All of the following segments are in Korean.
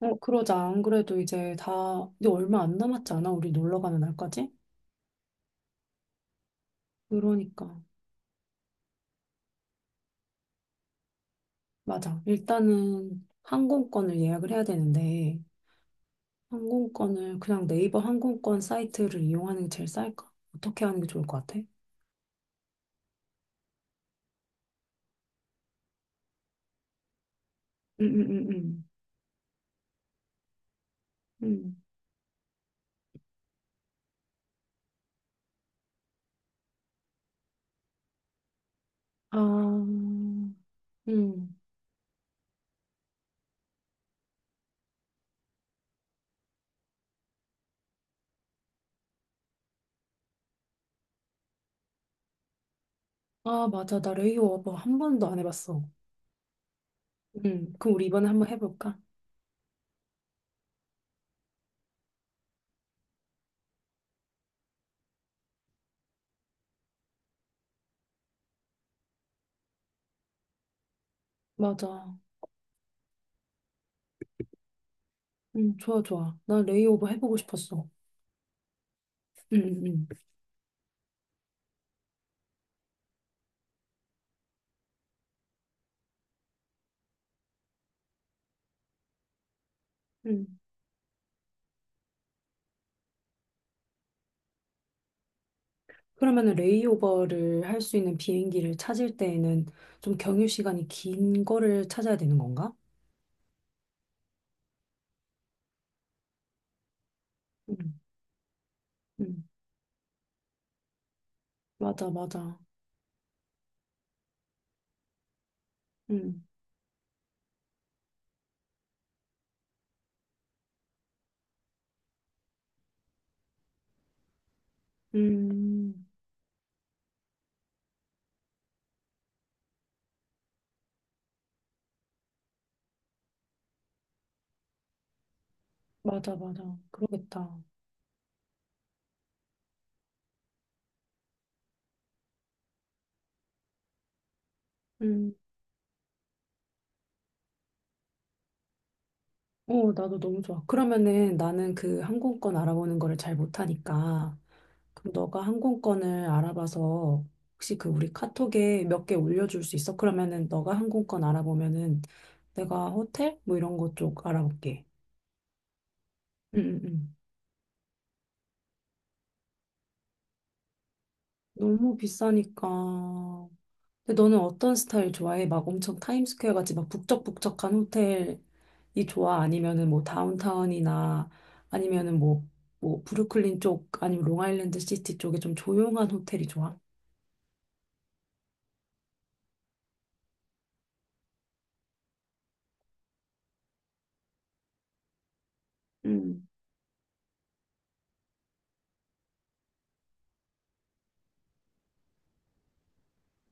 어, 그러자. 안 그래도 근데 얼마 안 남았지 않아? 우리 놀러 가는 날까지? 그러니까. 맞아. 일단은 항공권을 예약을 해야 되는데, 항공권을 그냥 네이버 항공권 사이트를 이용하는 게 제일 쌀까? 어떻게 하는 게 좋을 것 같아? 응, 응, 응, 응. 응. 아, 응. 아, 맞아. 나 레이오버 한 번도 안 해봤어. 응. 그럼 우리 이번에 한번 해볼까? 맞아. 응. 좋아, 좋아. 나 레이오버 해보고 싶었어. 응응응 그러면은 레이오버를 할 수 있는 비행기를 찾을 때에는 좀 경유 시간이 긴 거를 찾아야 되는 건가? 음, 음, 맞아, 맞아. 음, 음, 맞아, 맞아. 그러겠다. 음, 어, 나도 너무 좋아. 그러면은 나는 그 항공권 알아보는 거를 잘 못하니까. 그럼 너가 항공권을 알아봐서 혹시 그 우리 카톡에 몇 개 올려줄 수 있어? 그러면은 너가 항공권 알아보면은 내가 호텔? 뭐 이런 거 쪽 알아볼게. 응, 응, 응. 너무 비싸니까. 근데 너는 어떤 스타일 좋아해? 막 엄청 타임스퀘어 같이 막 북적북적한 호텔이 좋아? 아니면은 뭐 다운타운이나 아니면은 뭐, 뭐 브루클린 쪽 아니면 롱아일랜드 시티 쪽에 좀 조용한 호텔이 좋아? 음,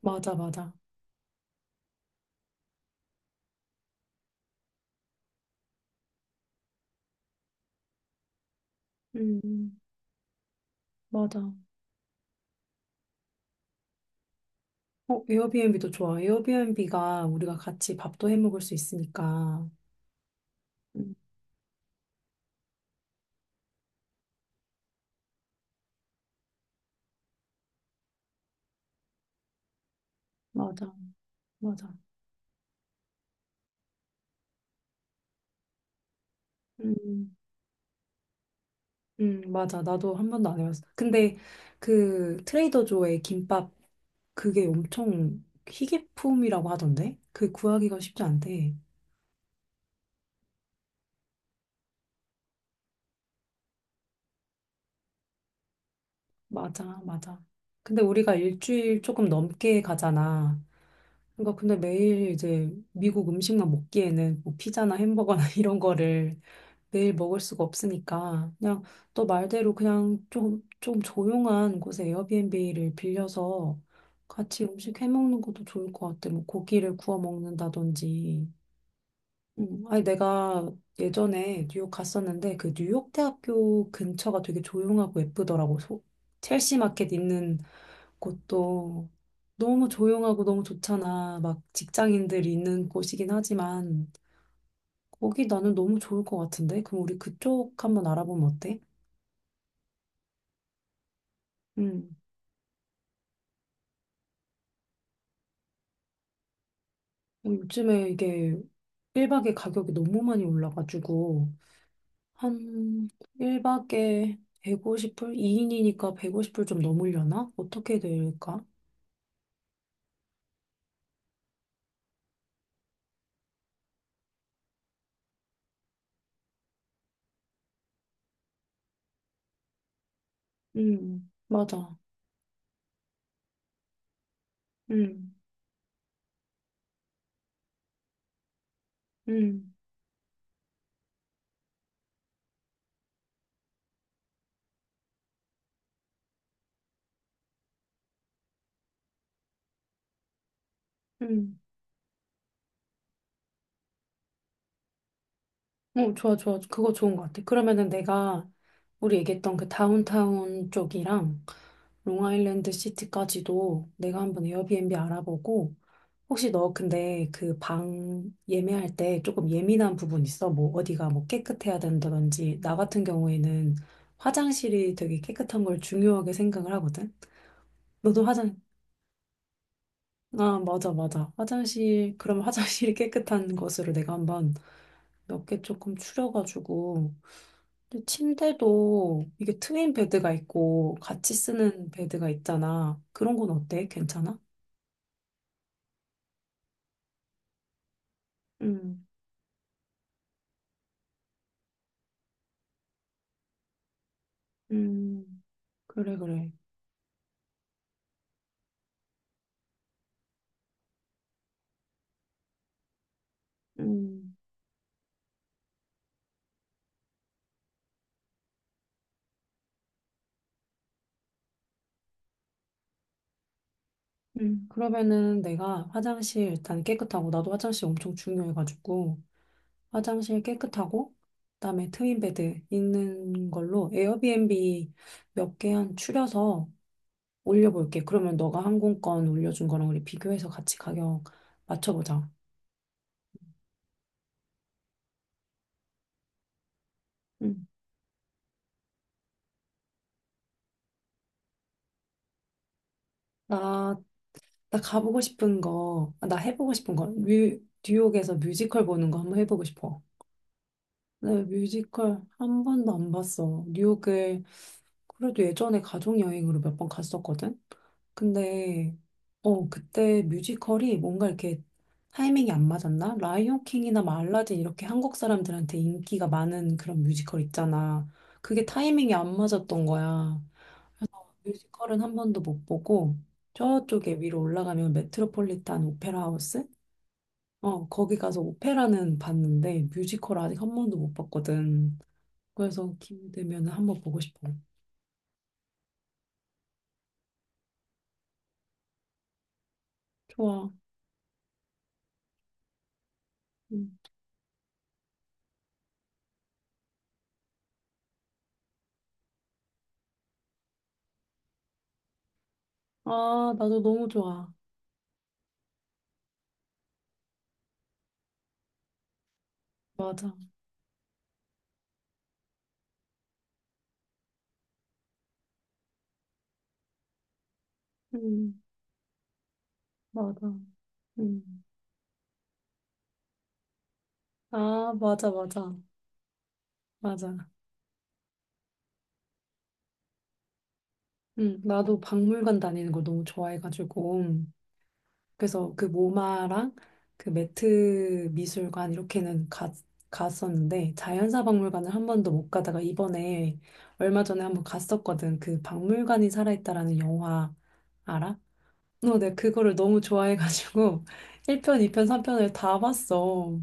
맞아, 맞아. 음, 맞아. 어, 에어비앤비도 좋아. 에어비앤비가 우리가 같이 밥도 해 먹을 수 있으니까. 음, 맞아, 맞아. 음, 맞아. 나도 한 번도 안 해봤어. 근데 그 트레이더 조의 김밥 그게 엄청 희귀품이라고 하던데? 그 구하기가 쉽지 않대. 맞아, 맞아. 근데 우리가 일주일 조금 넘게 가잖아. 그러니까 근데 매일 이제 미국 음식만 먹기에는 뭐 피자나 햄버거나 이런 거를 매일 먹을 수가 없으니까 그냥 너 말대로 그냥 좀 조용한 곳에 에어비앤비를 빌려서 같이 음식 해 먹는 것도 좋을 것 같아. 뭐 고기를 구워 먹는다든지. 아니 내가 예전에 뉴욕 갔었는데 그 뉴욕 대학교 근처가 되게 조용하고 예쁘더라고. 소, 첼시 마켓 있는 곳도 너무 조용하고 너무 좋잖아. 막 직장인들이 있는 곳이긴 하지만 거기 나는 너무 좋을 것 같은데? 그럼 우리 그쪽 한번 알아보면 어때? 음, 어, 요즘에 이게 1박에 가격이 너무 많이 올라가지고, 한 1박에 150불? 2인이니까 150불 좀 넘으려나? 어떻게 될까? 맞아. 음, 음, 음. 어, 좋아, 좋아. 그거 좋은 것 같아. 그러면은 내가 우리 얘기했던 그 다운타운 쪽이랑 롱아일랜드 시티까지도 내가 한번 에어비앤비 알아보고, 혹시 너 근데 그 방 예매할 때 조금 예민한 부분 있어? 뭐 어디가 뭐 깨끗해야 된다든지 나 같은 경우에는 화장실이 되게 깨끗한 걸 중요하게 생각을 하거든. 너도 화장. 아 맞아 맞아 화장실 그럼 화장실이 깨끗한 것으로 내가 한번 몇 개 조금 추려가지고 근데 침대도 이게 트윈 베드가 있고 같이 쓰는 베드가 있잖아. 그런 건 어때? 괜찮아? 음, 음, 그래, 그래. 음. 그러면은 내가 화장실 일단 깨끗하고, 나도 화장실 엄청 중요해가지고, 화장실 깨끗하고, 그다음에 트윈베드 있는 걸로 에어비앤비 몇 개 한 추려서 올려볼게. 그러면 너가 항공권 올려준 거랑 우리 비교해서 같이 가격 맞춰보자. 음. 나, 나 가보고 싶은 거, 아, 나 해보고 싶은 거, 뉴, 뉴욕에서 뮤지컬 보는 거 한번 해보고 싶어. 나 뮤지컬 한 번도 안 봤어. 뉴욕을 그래도 예전에 가족 여행으로 몇 번 갔었거든. 근데 어 그때 뮤지컬이 뭔가 이렇게 타이밍이 안 맞았나? 라이온 킹이나 막 알라딘 이렇게 한국 사람들한테 인기가 많은 그런 뮤지컬 있잖아. 그게 타이밍이 안 맞았던 거야. 뮤지컬은 한 번도 못 보고 저쪽에 위로 올라가면 메트로폴리탄 오페라 하우스? 어, 거기 가서 오페라는 봤는데 뮤지컬 아직 한 번도 못 봤거든. 그래서 기회되면 한 번 보고 싶어. 좋아. 음. 아, 나도 너무 좋아. 맞아. 음, 맞아. 음. 아, 맞아, 맞아. 맞아. 나도 박물관 다니는 걸 너무 좋아해가지고. 그래서 그 모마랑 그 매트 미술관 이렇게는 가, 갔었는데, 자연사 박물관을 한 번도 못 가다가 이번에 얼마 전에 한번 갔었거든. 그 박물관이 살아있다라는 영화 알아? 어, 내가 그거를 너무 좋아해가지고 1편, 2편, 3편을 다 봤어.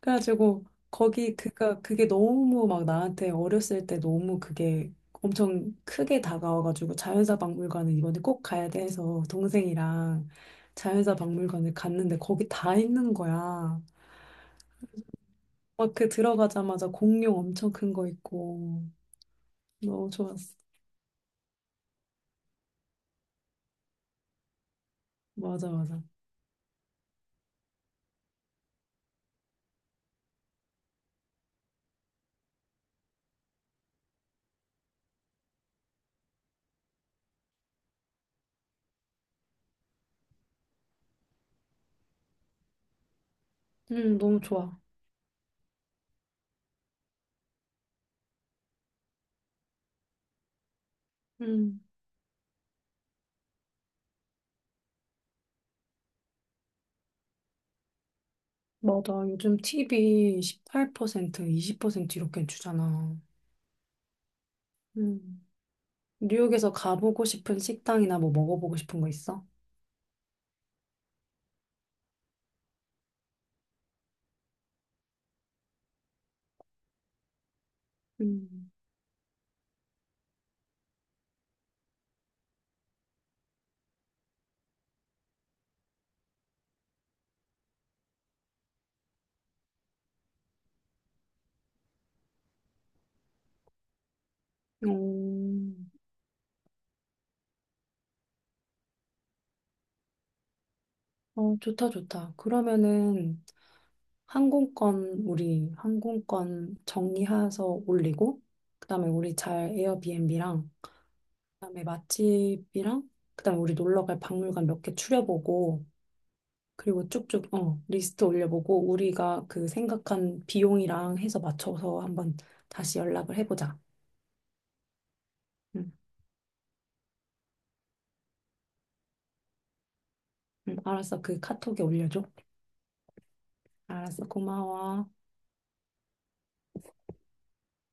그래가지고 거기 그가 그게 너무 막 나한테 어렸을 때 너무 그게 엄청 크게 다가와가지고 자연사 박물관을 이번에 꼭 가야 돼 해서 동생이랑 자연사 박물관을 갔는데 거기 다 있는 거야. 막 그 들어가자마자 공룡 엄청 큰 거 있고 너무 좋았어. 맞아 맞아. 너무 좋아. 음 맞아. 요즘 TV 18% 20% 이렇게 주잖아. 음. 뉴욕에서 가보고 싶은 식당이나 뭐 먹어보고 싶은 거 있어? 음. 어, 어, 좋다, 좋다. 그러면은 항공권, 우리 항공권 정리해서 올리고, 그다음에 우리 잘 에어비앤비랑, 그다음에 맛집이랑, 그다음에 우리 놀러 갈 박물관 몇 개 추려보고, 그리고 쭉쭉, 어, 리스트 올려보고, 우리가 그 생각한 비용이랑 해서 맞춰서 한번 다시 연락을 해보자. 응, 응, 알았어. 그 카톡에 올려줘. 알았어. 고마워.